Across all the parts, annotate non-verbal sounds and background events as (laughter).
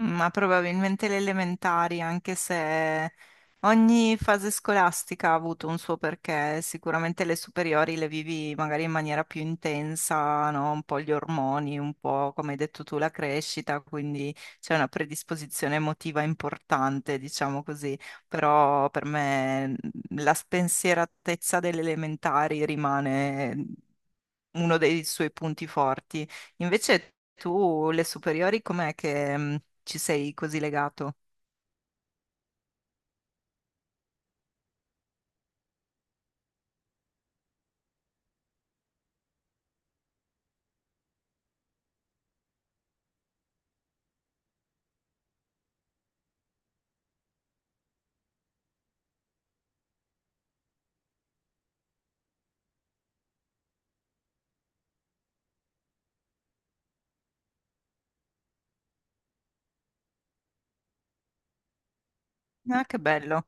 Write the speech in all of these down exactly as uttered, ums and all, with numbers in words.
Ma probabilmente le elementari, anche se ogni fase scolastica ha avuto un suo perché, sicuramente le superiori le vivi magari in maniera più intensa, no? Un po' gli ormoni, un po' come hai detto tu la crescita, quindi c'è una predisposizione emotiva importante, diciamo così, però per me mhmm, la spensieratezza delle elementari rimane mhmm, uno dei suoi punti forti. Invece tu, le superiori, com'è che mm, ci sei così legato? Ah, che bello.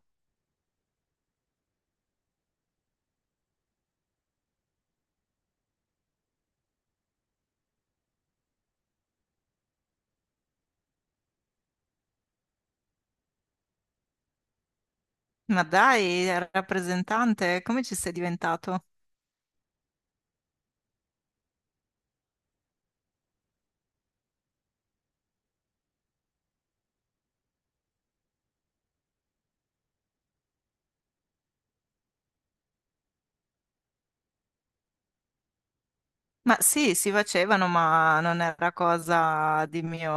Ma dai, rappresentante, come ci sei diventato? Ma sì, si facevano, ma non era cosa di mio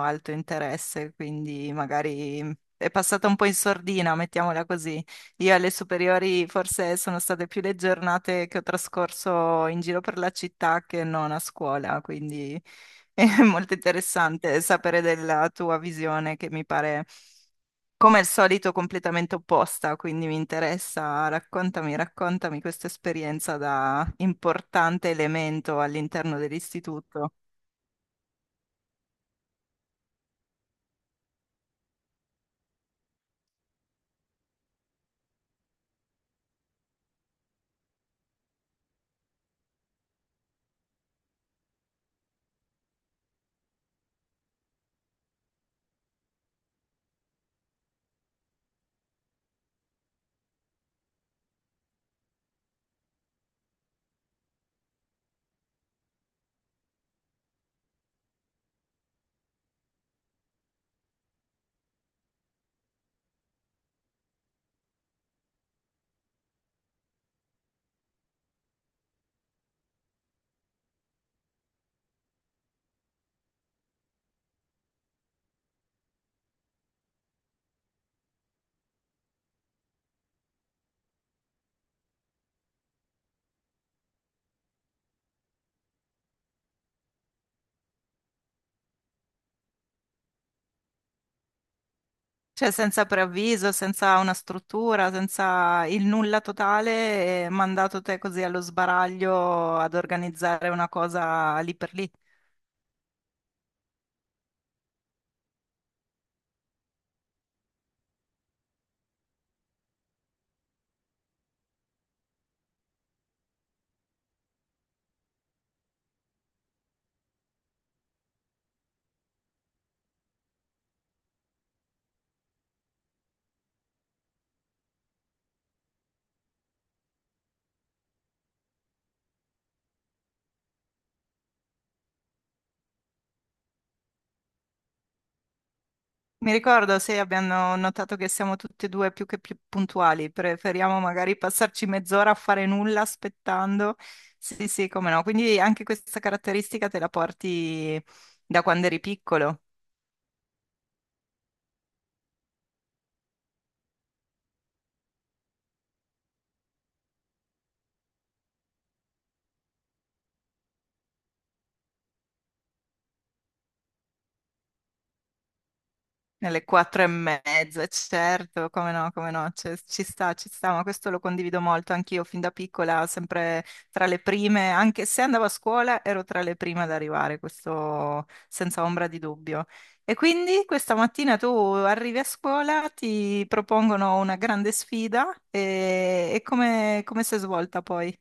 alto interesse, quindi magari mhmm, è passata un po' in sordina, mettiamola così. Io alle superiori forse sono state più le giornate che ho trascorso in giro per la città che non a scuola, quindi (laughs) è molto interessante sapere della tua visione, che mi pare come al solito completamente opposta, quindi mi interessa, raccontami, raccontami questa esperienza da importante elemento all'interno dell'istituto. Cioè senza preavviso, senza una struttura, senza il nulla totale, e mandato te così allo sbaraglio ad organizzare una cosa lì per lì. Mi ricordo, sì, abbiamo notato che siamo tutti e due più che più puntuali, preferiamo magari passarci mezz'ora a fare nulla aspettando. Sì, sì, come no. Quindi anche questa caratteristica te la porti da quando eri piccolo. Nelle quattro e mezza, eh, certo, come no, come no, cioè, ci sta, ci sta, ma questo lo condivido molto anch'io fin da piccola, sempre tra le prime, anche se andavo a scuola ero tra le prime ad arrivare, questo senza ombra di dubbio. E quindi questa mattina tu arrivi a scuola, ti propongono una grande sfida e, e come, come si è svolta poi?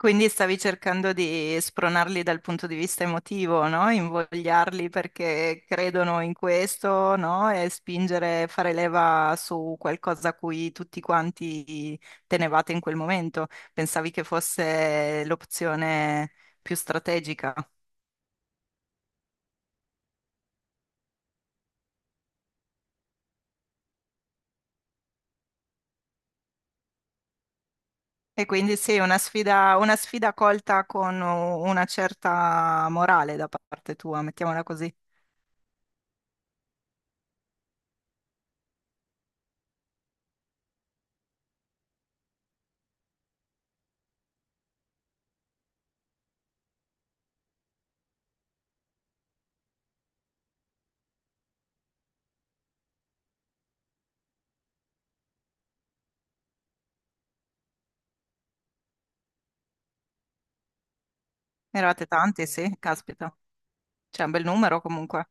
Quindi stavi cercando di spronarli dal punto di vista emotivo, no? Invogliarli perché credono in questo, no? E spingere, fare leva su qualcosa a cui tutti quanti tenevate in quel momento. Pensavi che fosse l'opzione più strategica. E quindi sì, una sfida, una sfida colta con una certa morale da parte tua, mettiamola così. Eravate tanti, sì, caspita. C'è un bel numero comunque.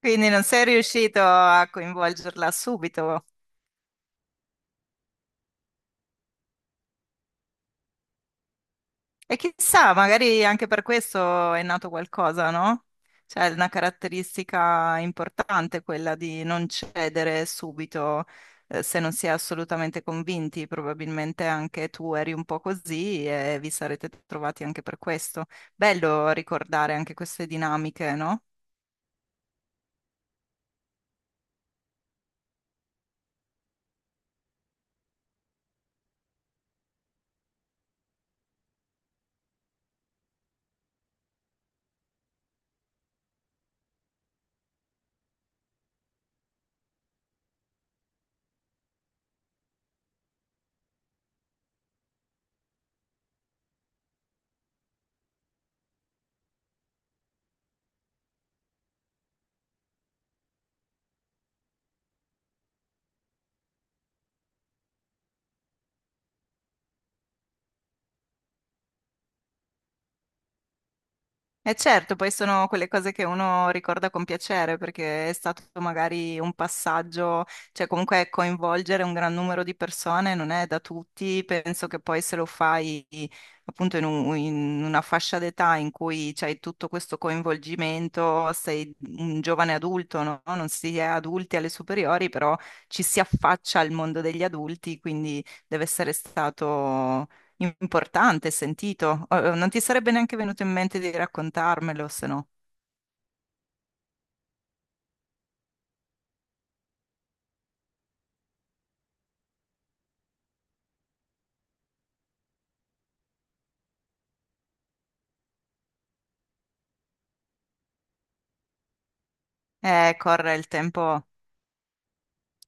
Quindi non sei riuscito a coinvolgerla subito. E chissà, magari anche per questo è nato qualcosa, no? Cioè, è una caratteristica importante quella di non cedere subito, eh, se non si è assolutamente convinti. Probabilmente anche tu eri un po' così e vi sarete trovati anche per questo. Bello ricordare anche queste dinamiche, no? E certo, poi sono quelle cose che uno ricorda con piacere perché è stato magari un passaggio, cioè comunque coinvolgere un gran numero di persone non è da tutti, penso che poi se lo fai appunto in, un- in una fascia d'età in cui c'hai tutto questo coinvolgimento, sei un giovane adulto, no? Non si è adulti alle superiori, però ci si affaccia al mondo degli adulti, quindi deve essere stato importante, sentito. Oh, oh, non ti sarebbe neanche venuto in mente di raccontarmelo, se no. Eh, corre il tempo,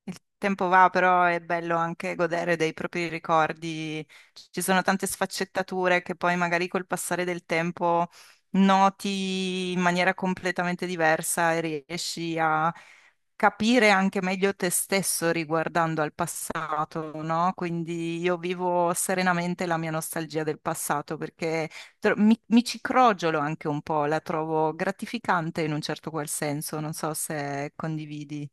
il tempo va, però è bello anche godere dei propri ricordi. Ci sono tante sfaccettature che poi magari col passare del tempo noti in maniera completamente diversa e riesci a capire anche meglio te stesso riguardando al passato, no? Quindi io vivo serenamente la mia nostalgia del passato perché tro- mi, mi ci crogiolo anche un po', la trovo gratificante in un certo qual senso, non so se condividi.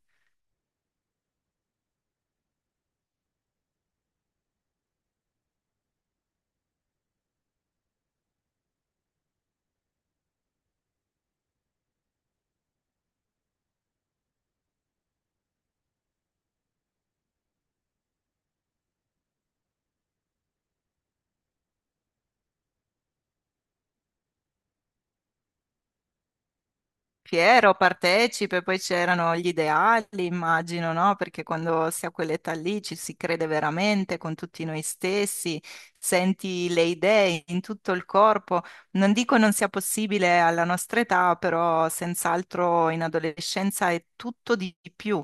Piero partecipe, poi c'erano gli ideali, immagino, no? Perché quando si ha quell'età lì ci si crede veramente con tutti noi stessi, senti le idee in tutto il corpo. Non dico non sia possibile alla nostra età, però senz'altro in adolescenza è tutto di più.